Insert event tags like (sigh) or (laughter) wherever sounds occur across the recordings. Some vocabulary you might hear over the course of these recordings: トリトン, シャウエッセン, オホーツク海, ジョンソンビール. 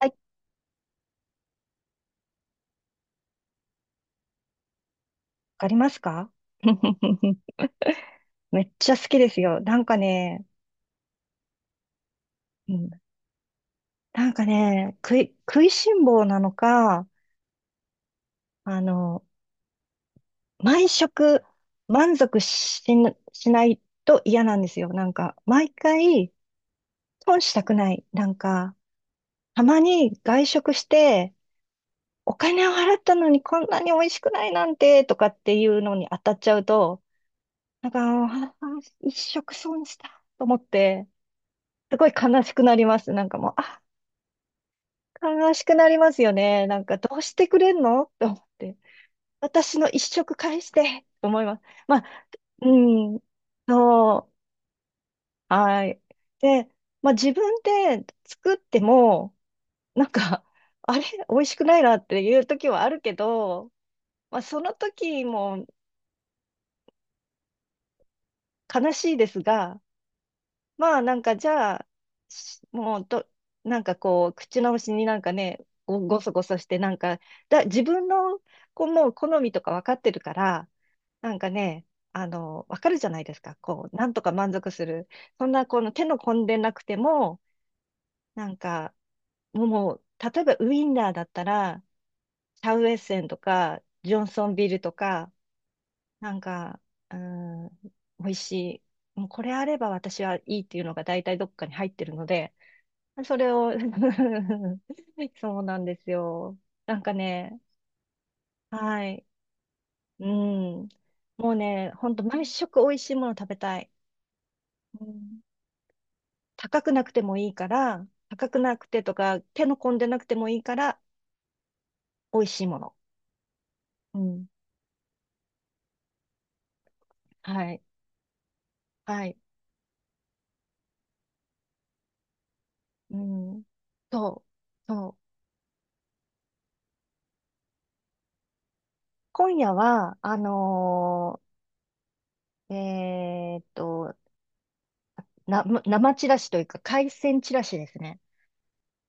はい、わかりますか？ (laughs) めっちゃ好きですよ。なんかね、うん、なんかね、食いしん坊なのか、あの、毎食満足しないと嫌なんですよ。なんか、毎回損したくない。なんか、たまに外食して、お金を払ったのにこんなに美味しくないなんて、とかっていうのに当たっちゃうと、なんか、あ一食損したと思って、すごい悲しくなります。なんかもう、悲しくなりますよね。なんか、どうしてくれんのと思って。私の一食返してと思います。まあ、うん、そう、はい。で、まあ、自分で作っても、なんか、あれ、美味しくないなっていう時はあるけど、まあ、その時も悲しいですが、まあ、なんか、じゃあ、しもうど、なんかこう、口直しになんかね、ごそごそして、なんか、自分の、こう、もう好みとか分かってるから、なんかね、わかるじゃないですか。こう、なんとか満足する。そんな、この手の込んでなくても、なんか、もう、例えばウインナーだったら、シャウエッセンとか、ジョンソンビールとか、なんか、うーん、美味しい。もうこれあれば私はいいっていうのが大体どっかに入ってるので、それを (laughs) そうなんですよ。なんかね、はい。うん。もうね、ほんと毎食美味しいもの食べたい。うん。高くなくてもいいから、高くなくてとか、手の込んでなくてもいいから、美味しいもの。うん。はい。はい。うん。そう。そう。今夜は、ーえーっと、生チラシというか、海鮮チラシですね。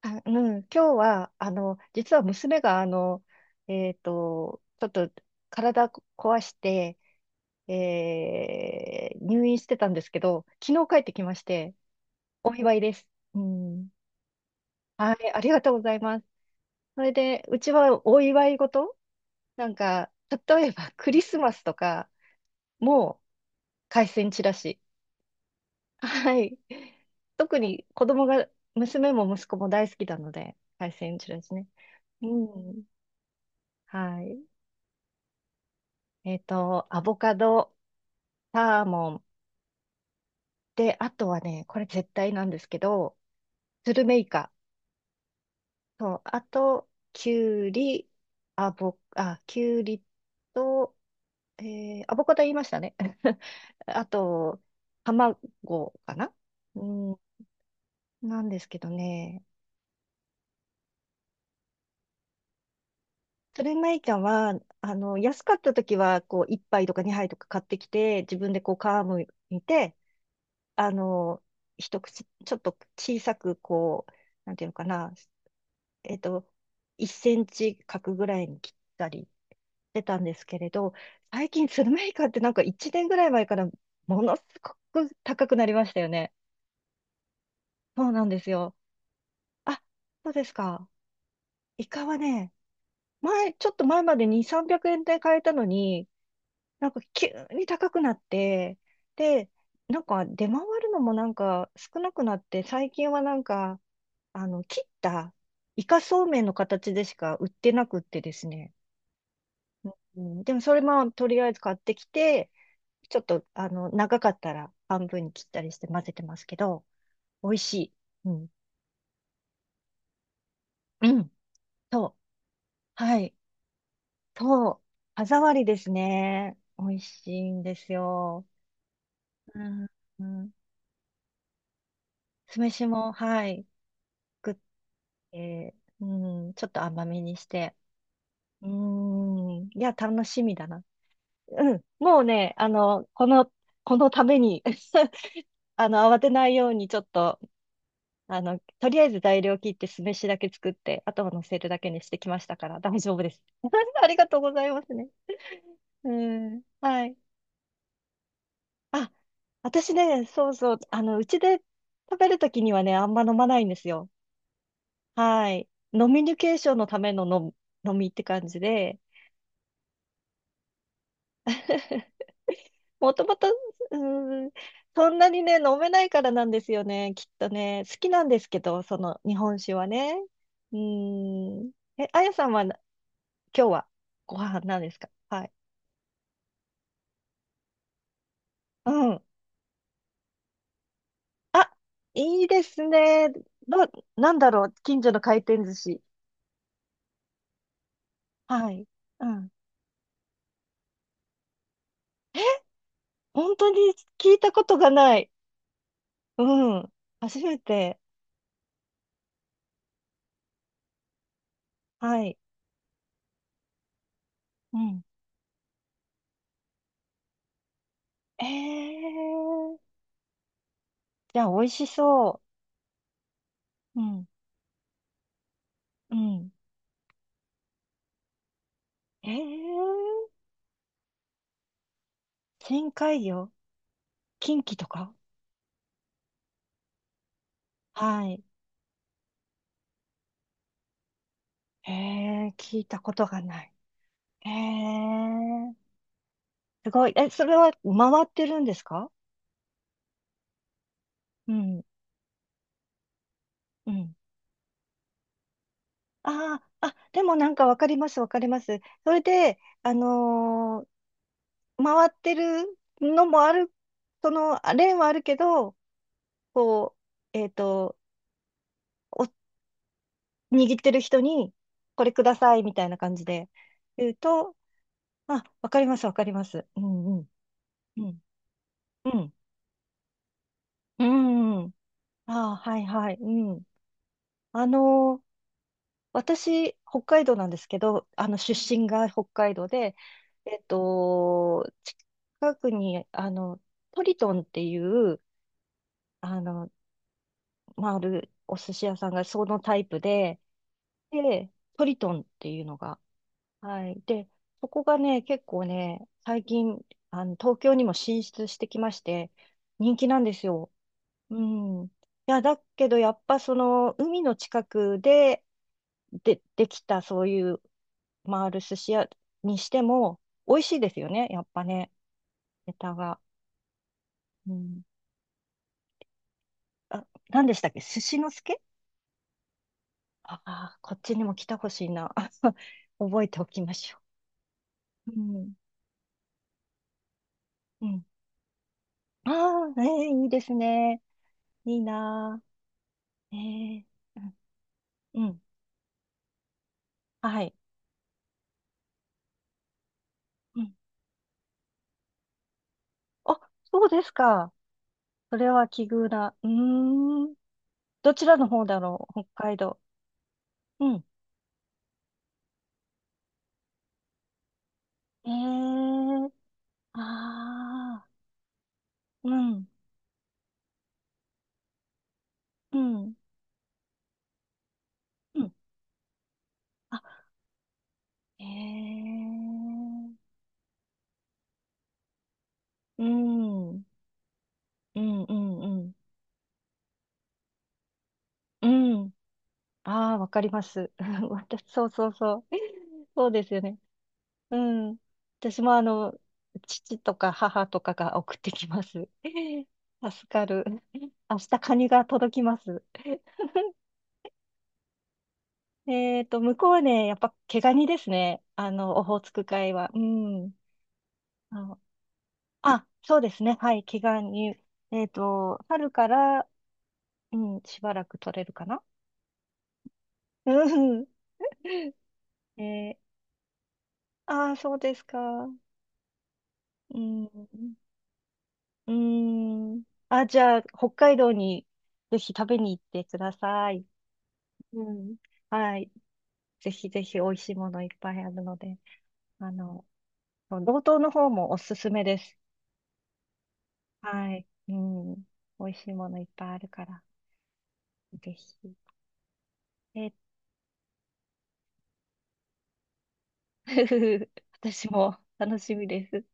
あ、うん。今日は、実は娘が、ちょっと体壊して、入院してたんですけど、昨日帰ってきまして、お祝いです。うん。はい、ありがとうございます。それで、うちはお祝い事なんか、例えばクリスマスとか、もう海鮮チラシ。はい。特に子供が、娘も息子も大好きなので、海鮮チラシね。うん。はい。アボカド、サーモン。で、あとはね、これ絶対なんですけど、スルメイカ。そう、あと、キュウリ、アボ、あ、キュウリと、アボカド言いましたね。(laughs) あと、卵かなうん、なんですけどね。それまいちゃんは、安かった時は、こう、1杯とか2杯とか買ってきて、自分でこう、皮むいて、あの、一口、ちょっと小さく、こう、なんていうのかな、えっと、1センチ角ぐらいに切ったりしてたんですけれど、最近、スルメイカってなんか1年ぐらい前から、ものすごく高くなりましたよね。そうなんですよ。あ、そうですか。イカはね、前、ちょっと前までに300円で買えたのに、なんか急に高くなって、で、なんか出回るのもなんか少なくなって、最近はなんか、切ったイカそうめんの形でしか売ってなくってですね。うん、でもそれもとりあえず買ってきて、ちょっと、長かったら半分に切ったりして混ぜてますけど、美味しい。うん。うん。そう。はい。そう。歯触りですね。美味しいんですよ。うん。うん。酢飯も、はい、作って、うちょっと甘めにして。うん。いや、楽しみだな。うん。もうね、このために (laughs) 慌てないようにちょっと、とりあえず材料切って酢飯だけ作って、あとは乗せるだけにしてきましたから、大丈夫です。(laughs) ありがとうございますね。うん。はい。あ、私ね、そうそう、うちで食べるときにはね、あんま飲まないんですよ。はい。飲みニケーションのための飲み飲みって感じで、(laughs) もともと、ーん、そんなにね、飲めないからなんですよね、きっとね。好きなんですけど、その日本酒はね。うーん。え、あやさんはな、今日はご飯なんですか？はい。うん。あ、いいですね。どう、なんだろう、近所の回転寿司。はい。うん。本当に聞いたことがない。うん。初めて。はい。うん。えー。じゃあ、美味しそう。うん。うん。えー。深海魚。近畿とか？はい。えー、聞いたことがない。えー。すごい。え、それは回ってるんですか？うん。うん。ああ、あ、でもなんかわかります、わかります。それで、回ってるのもある、そのレーンはあるけど、こう、お、握ってる人に、これくださいみたいな感じで言うと、あ、わかります、わかります。うんうん。うん。うん。うんうんうん。ああ、はいはい。うん。あのー私、北海道なんですけど、出身が北海道で、えっと、近くに、トリトンっていう、あの、まあ、あるお寿司屋さんがそのタイプで、で、トリトンっていうのが、はい。で、そこがね、結構ね、最近、東京にも進出してきまして、人気なんですよ。うん。いや、だけど、やっぱその、海の近くで、できた、そういう、回る寿司屋にしても、美味しいですよね、やっぱね、ネタが。うん。あ、何でしたっけ？寿司の助？ああー、こっちにも来たほしいな。(laughs) 覚えておきましょう。うん。うん。ああ、ね、いいですね。いいなー。ええ、うん、うん、はい。うん。あ、そうですか。それは奇遇だ。うーん。どちらの方だろう、北海道。うん。ええ、ああ、うん、うん、うん。あ、ええ、うん、うん、うん、うん。うん。ああ、わかります。(laughs) 私、そうそうそう。(laughs) そうですよね。うん。私も父とか母とかが送ってきます。(laughs) 助かる。明日カニが届きます。(laughs) 向こうね、やっぱ毛ガニですね。オホーツク海は。うん。あの、あ、そうですね。はい、毛ガニ。春から、うん、しばらく取れるかな。うん。(laughs) えー、ああ、そうですか。うん。うん。あ、じゃあ、北海道にぜひ食べに行ってください。うん。はい。ぜひぜひ美味しいものいっぱいあるので、あの、道東の方もおすすめです。はい。うん。美味しいものいっぱいあるから、ぜひ。え、(laughs) 私も楽しみです。